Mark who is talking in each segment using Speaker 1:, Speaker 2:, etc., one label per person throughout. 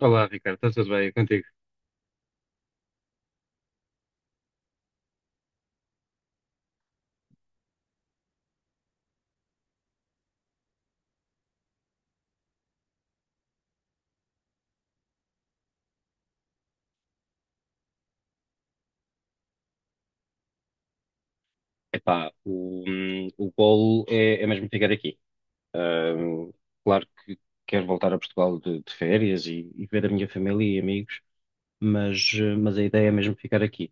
Speaker 1: Olá, Ricardo, está tudo bem contigo? Epá, o golo é mesmo ficar aqui. Hum, Claro que quero voltar a Portugal de férias e ver a minha família e amigos, mas a ideia é mesmo ficar aqui.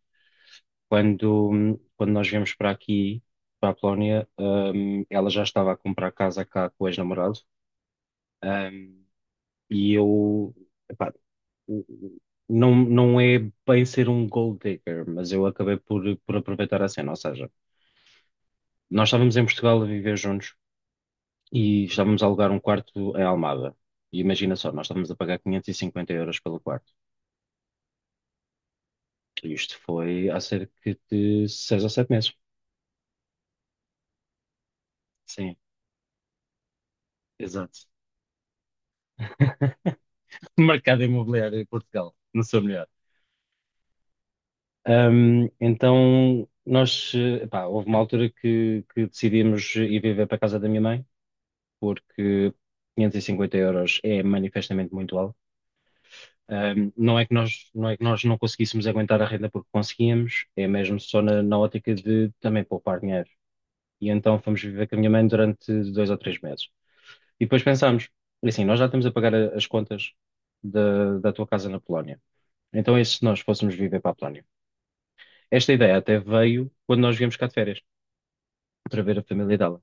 Speaker 1: Quando nós viemos para aqui, para a Polónia, ela já estava a comprar casa cá com o ex-namorado. hum, e eu, epá, o- o- não, não é bem ser um gold digger, mas eu acabei por aproveitar a cena, ou seja. Nós estávamos em Portugal a viver juntos e estávamos a alugar um quarto em Almada. E imagina só, nós estávamos a pagar 550 euros pelo quarto. E isto foi há cerca de 6 ou 7 meses. Sim, exato. Mercado imobiliário em Portugal, não sou melhor. Então, nós, pá, houve uma altura que decidimos ir viver para a casa da minha mãe, porque 550 euros é manifestamente muito alto. Não é que nós não conseguíssemos aguentar a renda porque conseguíamos, é mesmo só na ótica de também poupar dinheiro. E então fomos viver com a minha mãe durante 2 ou 3 meses. E depois pensámos, assim, nós já estamos a pagar as contas da tua casa na Polónia. Então é se nós fôssemos viver para a Polónia. Esta ideia até veio quando nós viemos cá de férias, para ver a família dela.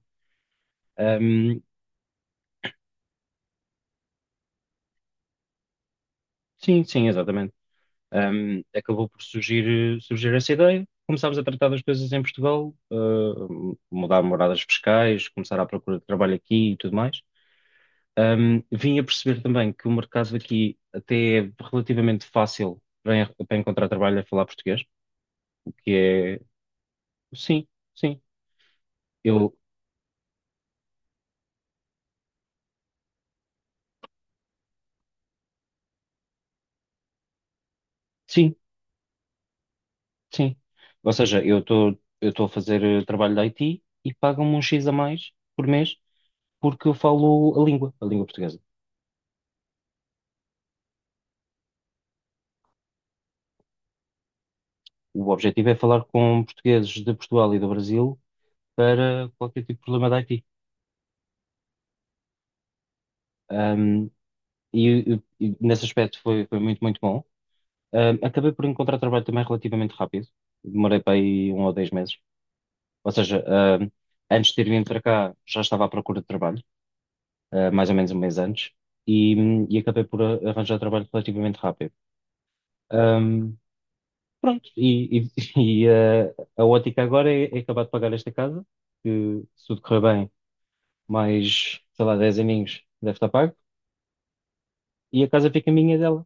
Speaker 1: Um, sim, sim, exatamente. Acabou por surgir essa ideia. Começámos a tratar das coisas em Portugal, mudar moradas fiscais, começar à procura de trabalho aqui e tudo mais. Vim a perceber também que o mercado aqui até é relativamente fácil para, para encontrar trabalho a falar português, o que é. Sim, sim, eu sim, sim. Ou seja, eu estou a fazer trabalho de IT e pagam-me um X a mais por mês porque eu falo a língua portuguesa. O objetivo é falar com portugueses de Portugal e do Brasil para qualquer tipo de problema da IT. Um, e nesse aspecto foi muito, muito bom. Acabei por encontrar trabalho também relativamente rápido. Demorei para aí 1 ou 10 meses. Ou seja, um, antes de ter vindo para cá já estava à procura de trabalho, mais ou menos um mês antes, e, e acabei por arranjar trabalho relativamente rápido. Um, pronto, a ótica agora é acabar de pagar esta casa, que se tudo correr bem mais, sei lá, 10 aninhos, deve estar pago, e a casa fica minha e dela.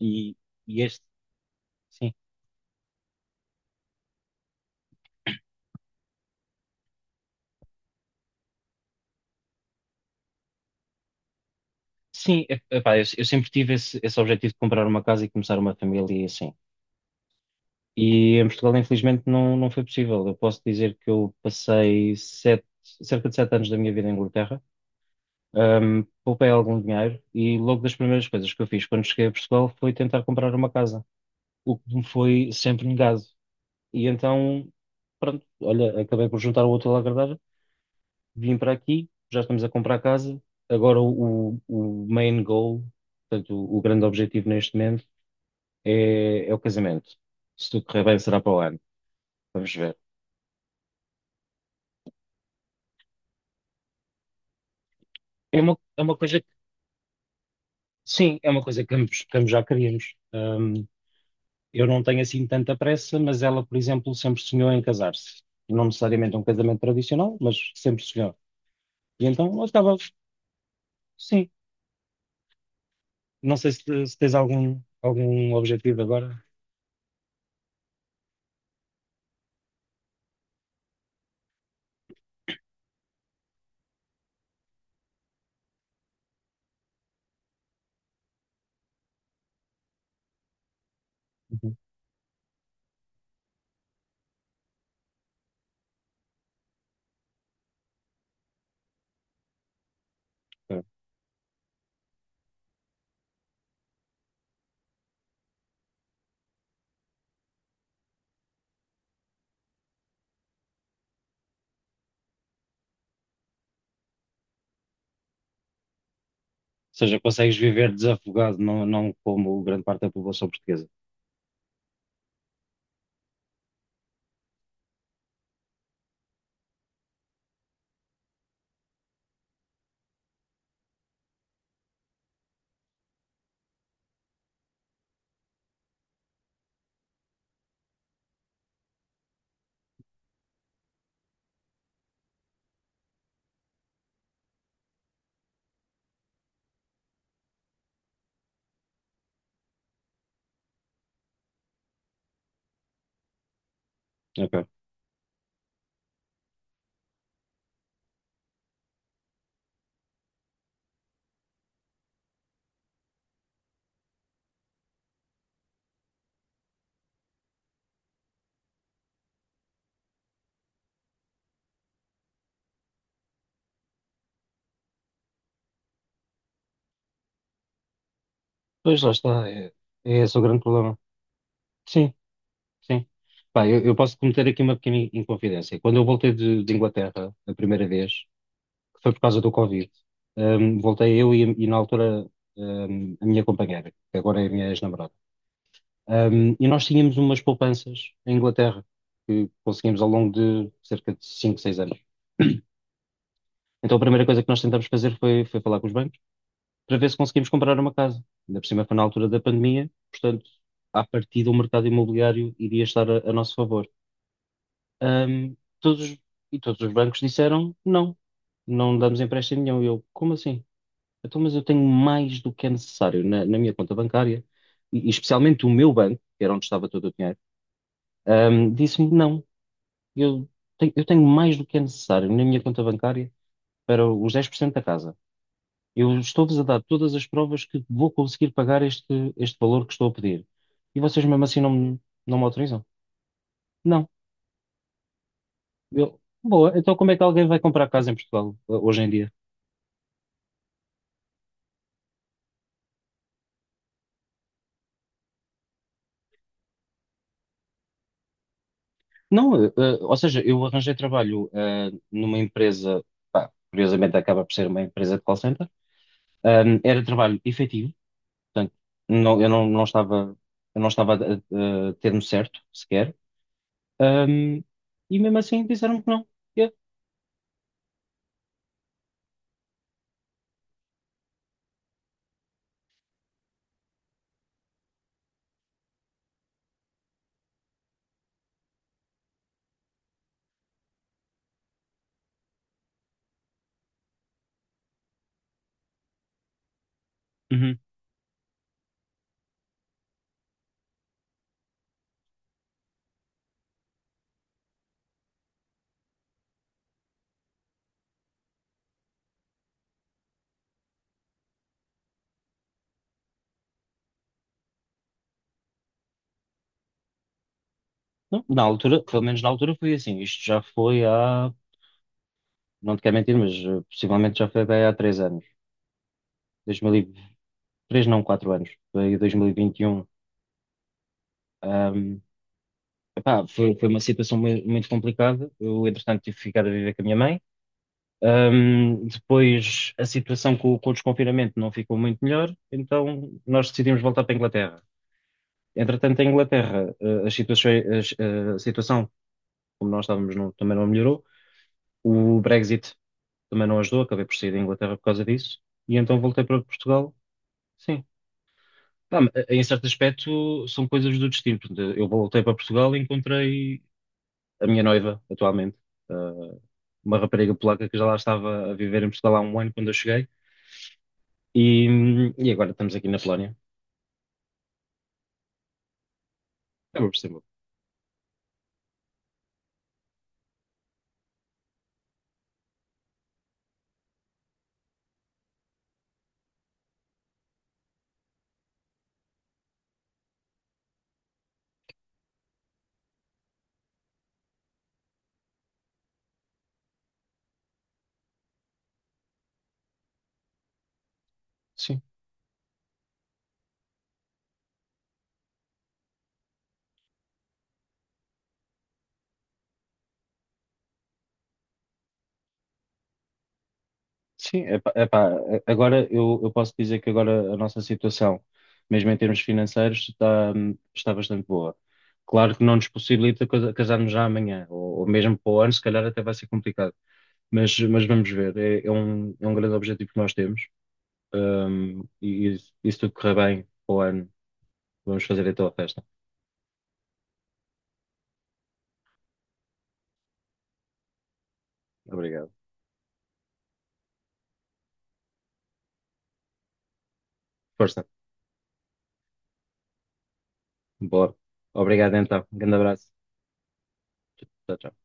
Speaker 1: E, e este, sim. Sim, epá, eu sempre tive esse objetivo de comprar uma casa e começar uma família e assim. E em Portugal, infelizmente, não, não foi possível. Eu posso dizer que eu passei 7, cerca de 7 anos da minha vida em Inglaterra. Poupei algum dinheiro e logo das primeiras coisas que eu fiz quando cheguei a Portugal foi tentar comprar uma casa, o que me foi sempre negado. E então, pronto, olha, acabei por juntar o útil ao agradável, vim para aqui, já estamos a comprar casa. Agora o main goal, portanto, o grande objetivo neste momento é o casamento. Se tudo correr bem, será para o ano. Vamos ver. É uma coisa que, sim, é uma coisa que ambos já queríamos. Eu não tenho assim tanta pressa, mas ela, por exemplo, sempre sonhou em casar-se. Não necessariamente um casamento tradicional, mas sempre sonhou. E então eu. Sim. Não sei se tens algum objetivo agora. Uhum. Seja, consegues viver desafogado, não, não como grande parte da população portuguesa. Ok. Pois lá está, é esse o grande problema. Sim, sim. Pá, eu posso cometer aqui uma pequena inconfidência. Quando eu voltei de Inglaterra a primeira vez, que foi por causa do Covid, voltei eu e na altura, a minha companheira, que agora é a minha ex-namorada. E nós tínhamos umas poupanças em Inglaterra que conseguimos ao longo de cerca de 5 6 anos. Então a primeira coisa que nós tentámos fazer foi falar com os bancos para ver se conseguimos comprar uma casa. Ainda por cima foi na altura da pandemia, portanto, à partida o mercado imobiliário iria estar a nosso favor. Ahm, todos, os- e todos os bancos disseram não, não damos empréstimo nenhum. E eu, como assim? Então, mas eu tenho mais do que é necessário na minha conta bancária, e especialmente o meu banco, que era onde estava todo o dinheiro, disse-me não, eu eu tenho mais do que é necessário na minha conta bancária para os 10% da casa. Eu estou-vos a dar todas as provas que vou conseguir pagar este valor que estou a pedir. E vocês mesmo assim não, não me autorizam? Não. Eu, boa, então como é que alguém vai comprar casa em Portugal hoje em dia? Não, ou seja, eu arranjei trabalho numa empresa, pá, curiosamente acaba por ser uma empresa de call center. Era trabalho efetivo, portanto, não, eu não, não estava, eu não estava a ter-me certo sequer. Ahm, e mesmo assim disseram que não. Eu. Não, na altura, pelo menos na altura foi assim. Isto já foi há, não te quero mentir, mas possivelmente já foi bem há 3 anos. 2003, não, 4 anos. Foi 2021. Ahm, Epá, foi uma situação muito complicada. Eu, entretanto, tive que ficar a viver com a minha mãe. Depois, a situação com o desconfinamento não ficou muito melhor, então nós decidimos voltar para a Inglaterra. Entretanto, em Inglaterra, as situações- as- eh, a situação, como nós estávamos, também não melhorou. O Brexit também não ajudou, acabei por sair da Inglaterra por causa disso, e então voltei para Portugal. Sim. Pá, em certo aspecto, são coisas do destino. Portanto, eu voltei para Portugal e encontrei a minha noiva, atualmente, eh, uma rapariga polaca que já lá estava a viver em Portugal há um ano quando eu cheguei, e agora estamos aqui na Polónia. Acaba por ser bom. Sim. Sim, epá, agora eu posso dizer que agora a nossa situação, mesmo em termos financeiros, está, está bastante boa. Claro que não nos possibilita casarmos já amanhã, ou mesmo para o ano, se calhar até vai ser complicado. Mas vamos ver, é um grande objetivo que nós temos. Hum, e, e se tudo correr bem para o ano, vamos fazer então a festa. Obrigado. Força, bora. Obrigado então. Grande abraço. Tchau, tchau.